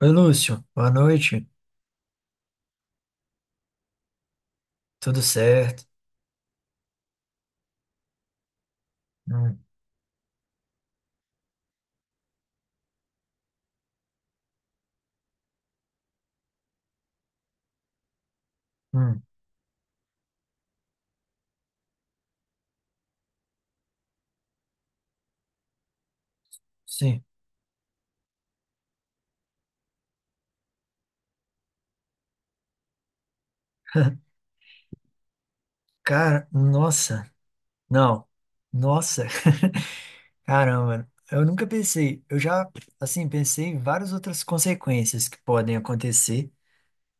Oi, Lúcio. Boa noite. Tudo certo? Hum, hum, sim. Cara, nossa. Não. Nossa. Caramba. Eu nunca pensei. Pensei em várias outras consequências que podem acontecer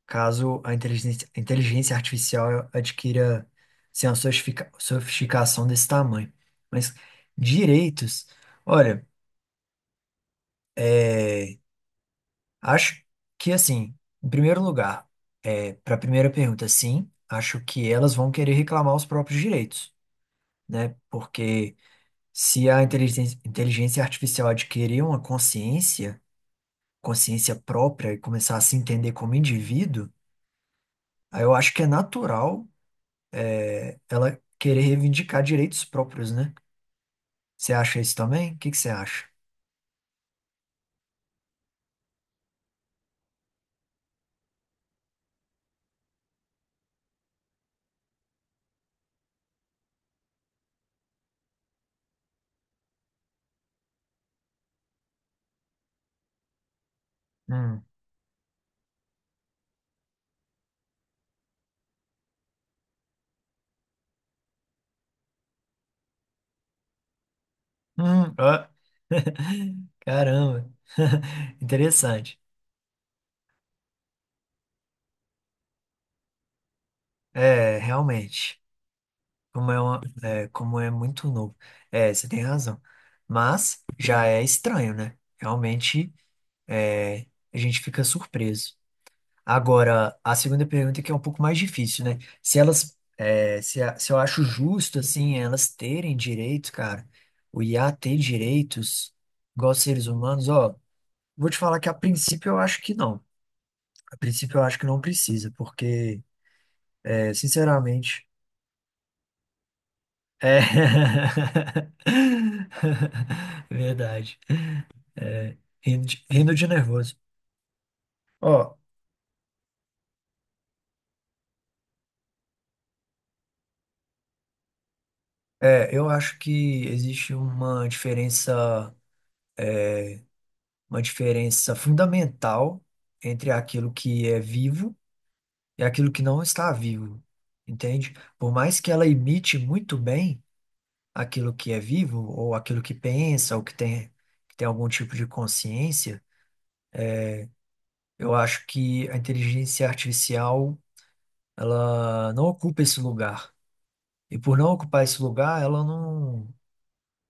caso a inteligência artificial adquira, assim, uma sofisticação desse tamanho. Mas direitos. Olha. Acho que assim, em primeiro lugar, para a primeira pergunta, sim, acho que elas vão querer reclamar os próprios direitos, né? Porque se inteligência artificial adquirir uma consciência própria e começar a se entender como indivíduo, aí eu acho que é natural ela querer reivindicar direitos próprios, né? Você acha isso também? O que que você acha? Hum. Ó. Caramba. Interessante. É, realmente. Como é muito novo. É, você tem razão. Mas já é estranho, né? Realmente, é, a gente fica surpreso. Agora, a segunda pergunta que é um pouco mais difícil, né? Se elas, é, se, a- se eu acho justo, assim, elas terem direitos, cara, o IA ter direitos, igual seres humanos, ó, vou te falar que a princípio eu acho que não. A princípio eu acho que não precisa, porque, sinceramente, É. Verdade. É, rindo de nervoso. Ó, eu acho que existe uma diferença fundamental entre aquilo que é vivo e aquilo que não está vivo, entende? Por mais que ela imite muito bem aquilo que é vivo, ou aquilo que pensa, que tem algum tipo de consciência, eu acho que a inteligência artificial, ela não ocupa esse lugar. E por não ocupar esse lugar, ela não,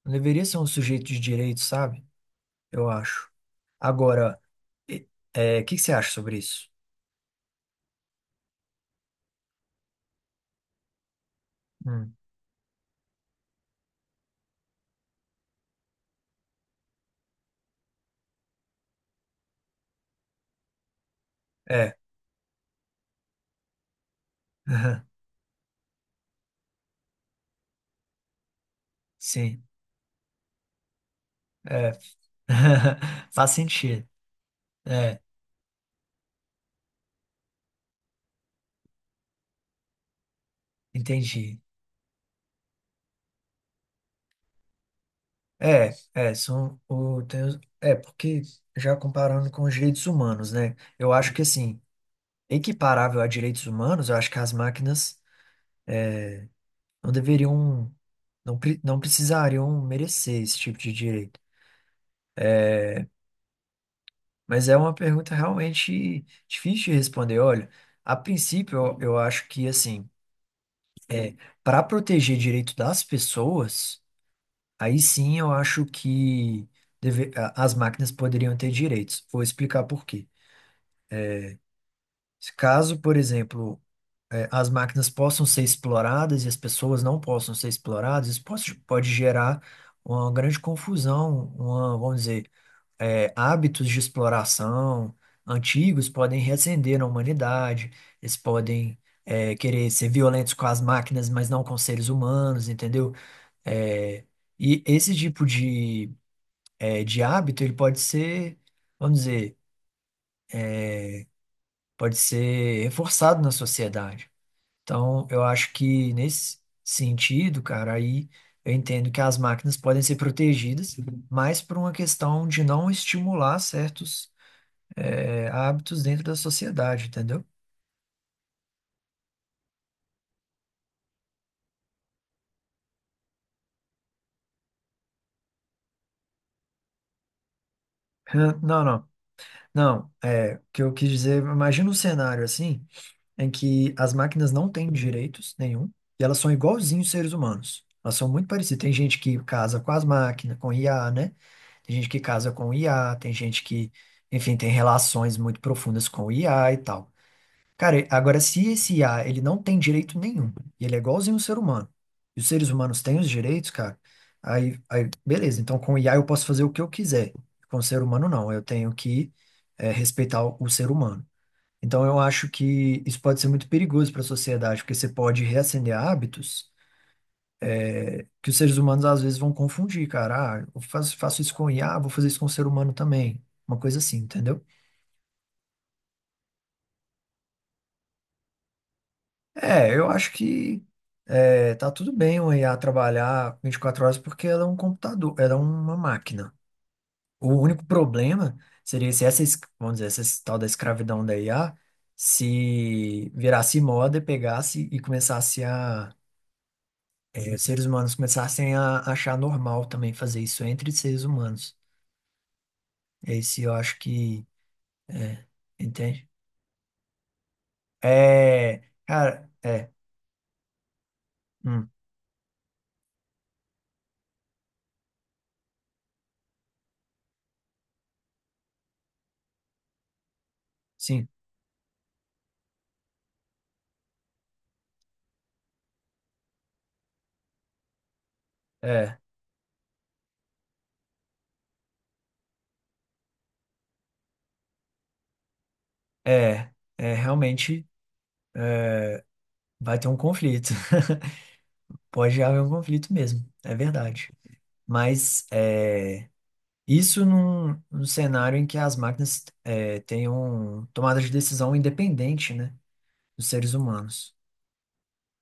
não deveria ser um sujeito de direito, sabe? Eu acho. Agora, e- o que que você acha sobre isso? Hum, é, sim, é. Faz sentido. É, entendi. É, é, são o, tem os- é, porque já comparando com os direitos humanos, né? Eu acho que assim, equiparável a direitos humanos, eu acho que as máquinas não deveriam, não precisariam merecer esse tipo de direito. É, mas é uma pergunta realmente difícil de responder. Olha, a princípio, eu acho que, assim, é, para proteger direito das pessoas, aí sim eu acho que as máquinas poderiam ter direitos. Vou explicar por quê. Caso, por exemplo, é, as máquinas possam ser exploradas e as pessoas não possam ser exploradas, isso pode gerar uma grande confusão, uma, vamos dizer, é, hábitos de exploração antigos podem reacender na humanidade, eles podem é, querer ser violentos com as máquinas, mas não com seres humanos, entendeu? É, e esse tipo de, é, de hábito, ele pode ser, vamos dizer, pode ser reforçado na sociedade. Então, eu acho que nesse sentido, cara, aí eu entendo que as máquinas podem ser protegidas, mas por uma questão de não estimular certos é, hábitos dentro da sociedade, entendeu? Hã, Não. é, o que eu quis dizer, imagina um cenário assim, em que as máquinas não têm direitos nenhum, e elas são igualzinhos seres humanos. Elas são muito parecidas. Tem gente que casa com as máquinas, com IA, né? Tem gente que casa com IA, enfim, tem relações muito profundas com IA e tal. Cara, agora se esse IA, ele não tem direito nenhum, e ele é igualzinho um ser humano, e os seres humanos têm os direitos, cara, aí beleza, então com o IA eu posso fazer o que eu quiser, com o ser humano não, eu tenho que eh, respeitar o ser humano. Então eu acho que isso pode ser muito perigoso para a sociedade, porque você pode reacender hábitos que os seres humanos às vezes vão confundir, cara, ah, eu faço isso com o IA, vou fazer isso com o ser humano também, uma coisa assim, entendeu? É, eu acho que é, tá tudo bem o IA trabalhar 24 horas porque ela é um computador, ela é uma máquina. O único problema seria se vamos dizer, tal da escravidão da IA se virasse moda e pegasse e começasse a, é, os seres humanos começassem a achar normal também fazer isso entre seres humanos. Esse eu acho que, é, entende? É, cara, é, hum, sim, é, é, é realmente. Vai ter um conflito. Pode haver um conflito mesmo, é verdade. Mas é, isso num, num cenário em que as máquinas é, tenham tomada de decisão independente, né, dos seres humanos,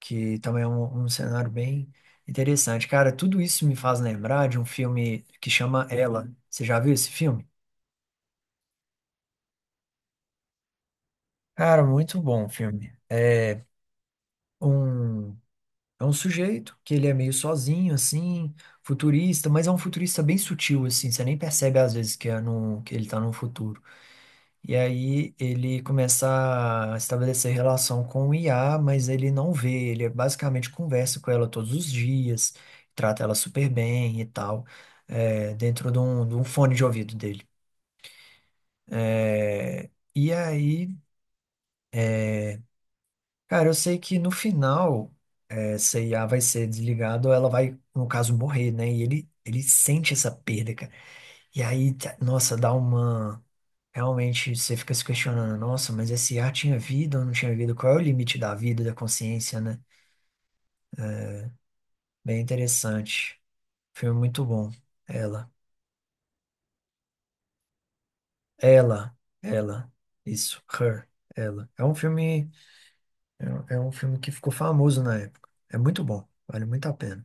que também é um cenário bem interessante. Cara, tudo isso me faz lembrar de um filme que chama Ela. Você já viu esse filme? Cara, muito bom o filme. Um É um sujeito que ele é meio sozinho, assim, futurista, mas é um futurista bem sutil, assim, você nem percebe às vezes que ele tá no futuro. E aí ele começa a estabelecer relação com o IA, mas ele não vê, ele basicamente conversa com ela todos os dias, trata ela super bem e tal, é, dentro de de um fone de ouvido dele. E aí, cara, eu sei que no final, essa IA vai ser desligada ou ela vai, no caso, morrer, né? E ele sente essa perda, E aí, tá- nossa, dá uma. Realmente você fica se questionando, nossa, mas esse ar tinha vida ou não tinha vida? Qual é o limite da vida, da consciência, né? Bem interessante. Filme muito bom. Ela. Ela. Ela. Isso. Her. Ela. É um filme. É um filme que ficou famoso na época. É muito bom. Vale muito a pena.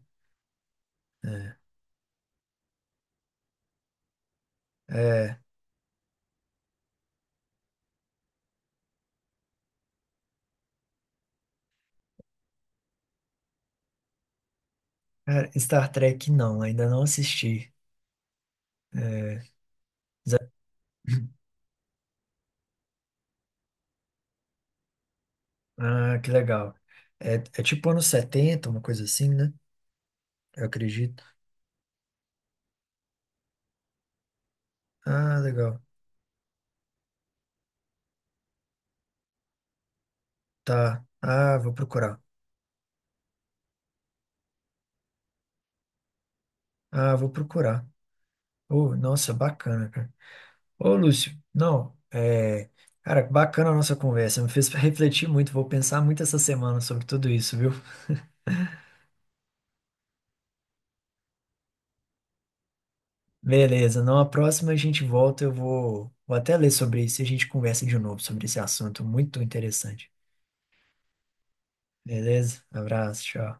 É. É. Cara, Star Trek não, ainda não assisti. É, ah, que legal. É, é tipo anos 70 uma coisa assim, né? Eu acredito. Ah, legal. Tá. Ah, vou procurar. Ah, vou procurar. Oh, nossa, bacana, cara. Ô, Lúcio, não, é... Cara, bacana a nossa conversa. Me fez refletir muito. Vou pensar muito essa semana sobre tudo isso, viu? Beleza. Não, a próxima a gente volta. Vou até ler sobre isso e a gente conversa de novo sobre esse assunto. Muito interessante. Beleza? Abraço, tchau.